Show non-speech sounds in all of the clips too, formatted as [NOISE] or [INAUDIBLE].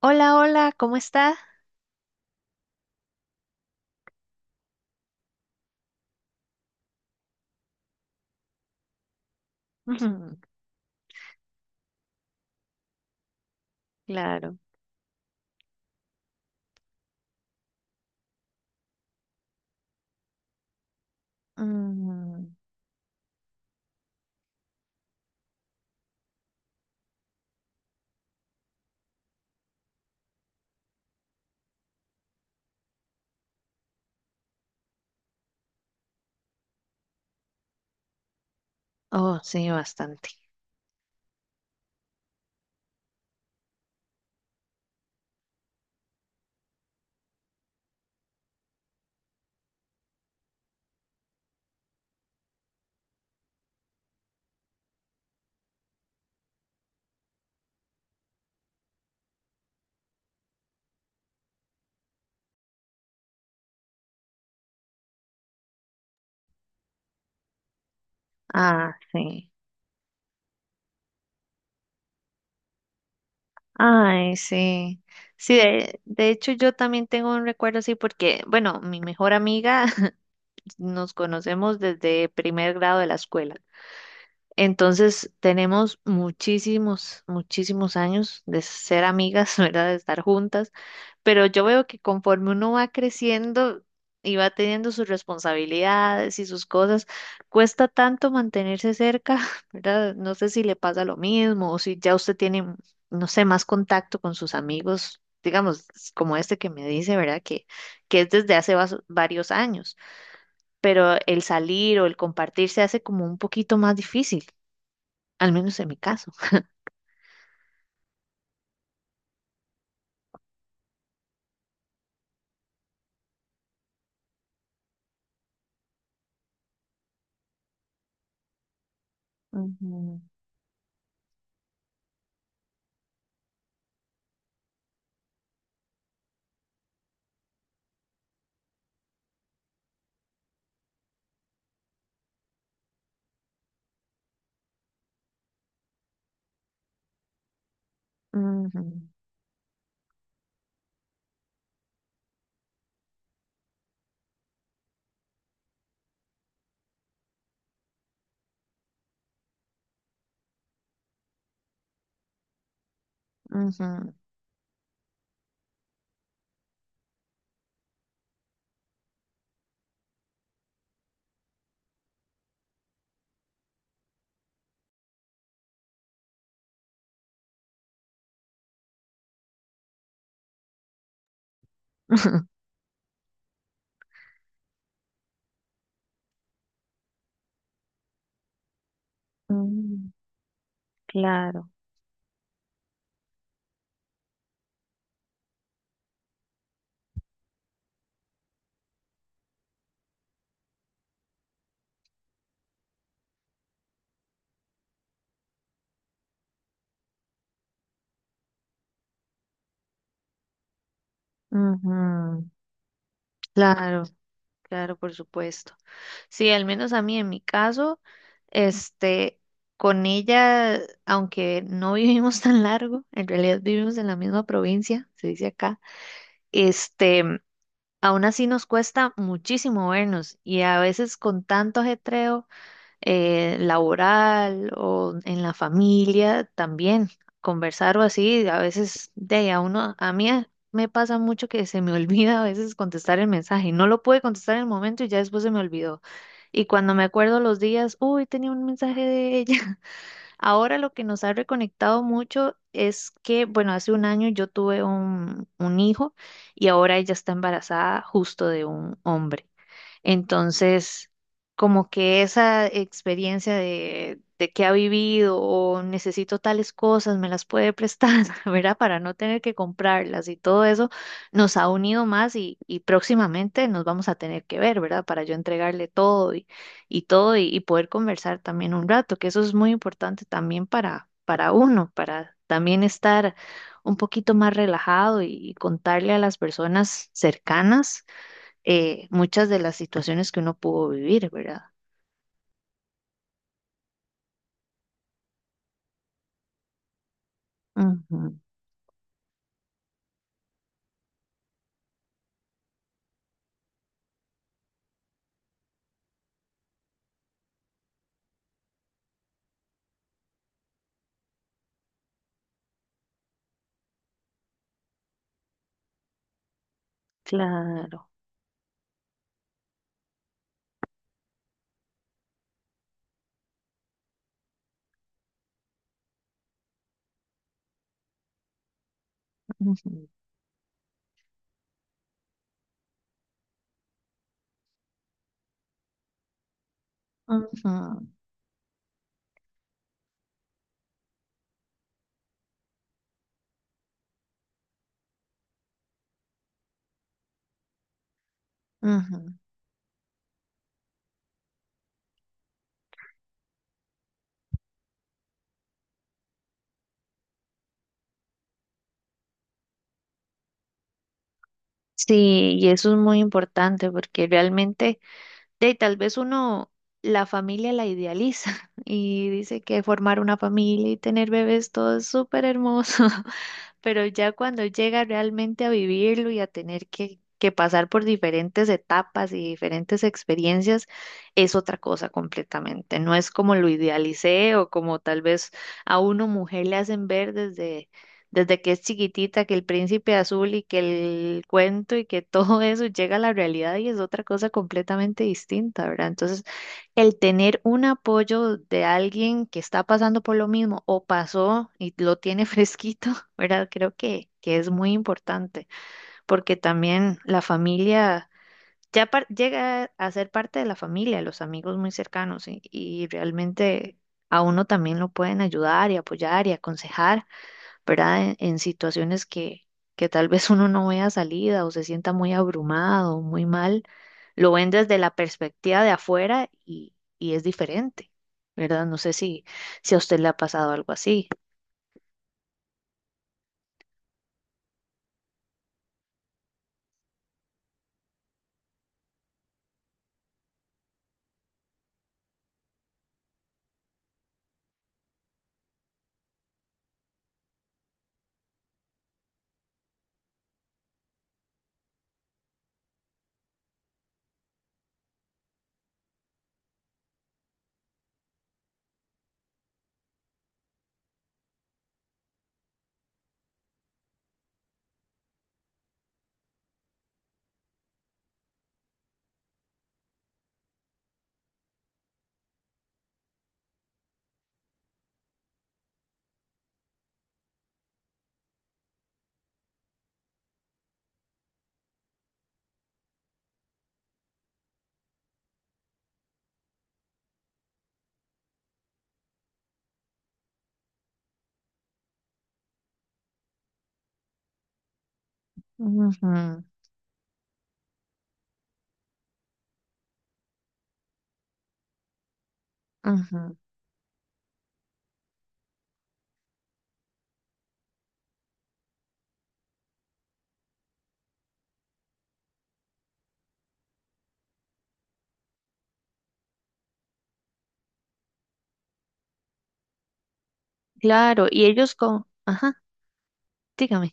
Hola, hola, ¿cómo está? Ujú. Claro. Mm. Oh, sí, bastante. Ah, sí. Ay, sí. Sí, de hecho yo también tengo un recuerdo así porque, bueno, mi mejor amiga [LAUGHS] nos conocemos desde primer grado de la escuela. Entonces tenemos muchísimos, muchísimos años de ser amigas, [LAUGHS] ¿verdad? De estar juntas, pero yo veo que conforme uno va creciendo y va teniendo sus responsabilidades y sus cosas, cuesta tanto mantenerse cerca, [LAUGHS] ¿verdad? No sé si le pasa lo mismo o si ya usted tiene, no sé, más contacto con sus amigos, digamos, como este que me dice, ¿verdad? Que es desde hace varios años, pero el salir o el compartir se hace como un poquito más difícil al menos en mi caso. Ujú, ujú, ujú, [LAUGHS] ujú. Mm. Claro. Ujú. Claro, claro, por supuesto. Sí, al menos a mí en mi caso, este, con ella, aunque no vivimos [LAUGHS] tan largo, en realidad vivimos en la misma provincia, se dice acá, este, aún así nos cuesta muchísimo vernos y a veces con tanto ajetreo, laboral o en la familia también. Conversar o así, a veces de ahí a uno, a mí me pasa mucho que se me [LAUGHS] olvida a veces contestar el mensaje. No lo pude contestar en el momento y ya después se me olvidó. Y cuando me acuerdo los días, uy, tenía un mensaje de ella. Ahora lo que nos ha reconectado mucho es que, bueno, hace un año yo tuve un hijo y ahora ella está embarazada justo de un hombre. Entonces, como que esa experiencia de que ha vivido o necesito tales cosas, me las puede prestar, [LAUGHS] ¿verdad? Para no tener que comprarlas y todo eso nos ha unido más y próximamente nos vamos a tener que ver, ¿verdad? Para yo entregarle todo y todo y poder conversar también un rato, que eso es muy importante también para uno, para también estar un poquito más relajado y contarle a las personas cercanas muchas de las situaciones que uno pudo vivir, ¿verdad? Ujú, claro. Ujú, ujú, ujú. Sí, y eso es muy importante porque realmente, de ahí tal vez uno la familia la idealiza [LAUGHS] y dice que formar una familia y tener bebés todo es súper hermoso, [LAUGHS] pero ya cuando llega realmente a vivirlo y a tener que pasar por diferentes etapas y diferentes experiencias, es otra cosa completamente. No es como lo idealicé o como tal vez a uno mujer le hacen ver desde desde que es chiquitita, que el príncipe azul y que el cuento y que [LAUGHS] todo eso llega a la realidad y es otra cosa completamente distinta, ¿verdad? Entonces, el tener un apoyo de alguien que está pasando por lo mismo o pasó y lo tiene fresquito, [LAUGHS] ¿verdad? Creo que es muy importante porque también la familia... Llega a ser parte de la familia, los amigos muy cercanos y realmente a uno también lo pueden ayudar y apoyar y aconsejar. ¿Verdad? En situaciones que tal vez uno no vea salida o se sienta muy abrumado, muy mal, lo ven desde la perspectiva de afuera y es diferente, ¿verdad? No sé si, si a usted le ha pasado algo así. Ujú, ujú. Claro, y ellos con, ajá, dígame.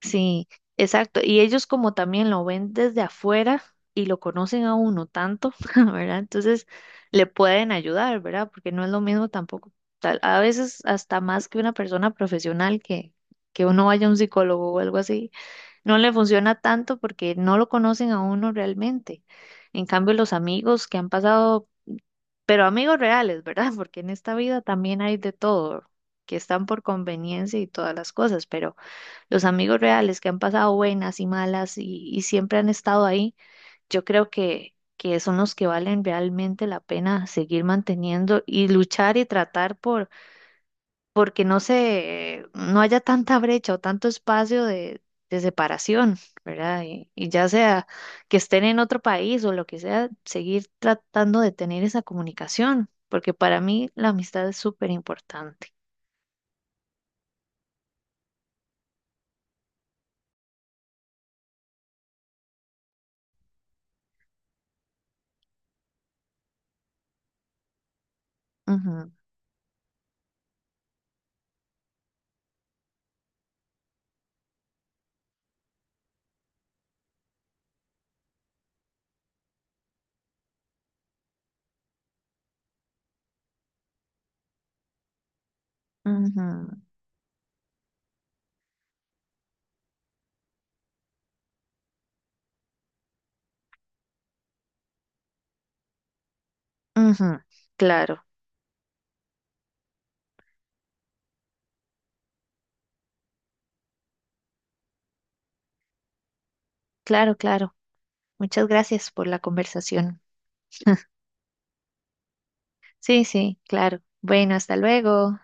Sí, exacto. Y ellos como también lo ven desde afuera y lo conocen a uno tanto, [LAUGHS] ¿verdad? Entonces le pueden ayudar, ¿verdad? Porque no es lo mismo tampoco. A veces hasta más que una persona profesional que uno vaya a un psicólogo o algo así, no le funciona tanto porque no lo conocen a uno realmente. En cambio, los amigos que han pasado, pero amigos reales, ¿verdad? [LAUGHS] Porque en esta vida también hay de todo, que están por conveniencia y todas las cosas, pero los amigos reales que han pasado buenas y malas y siempre han estado ahí, yo creo que son los que valen realmente la pena seguir manteniendo y luchar y tratar por porque no se, no haya tanta brecha o tanto espacio de separación, ¿verdad? Y ya sea que estén en otro país o lo que sea, seguir tratando de tener esa comunicación, porque para mí la amistad es súper importante. Ujú, ujú, ujú. Claro, claro, claro. Muchas gracias por la conversación. Sí, sí, claro. Bueno, hasta luego.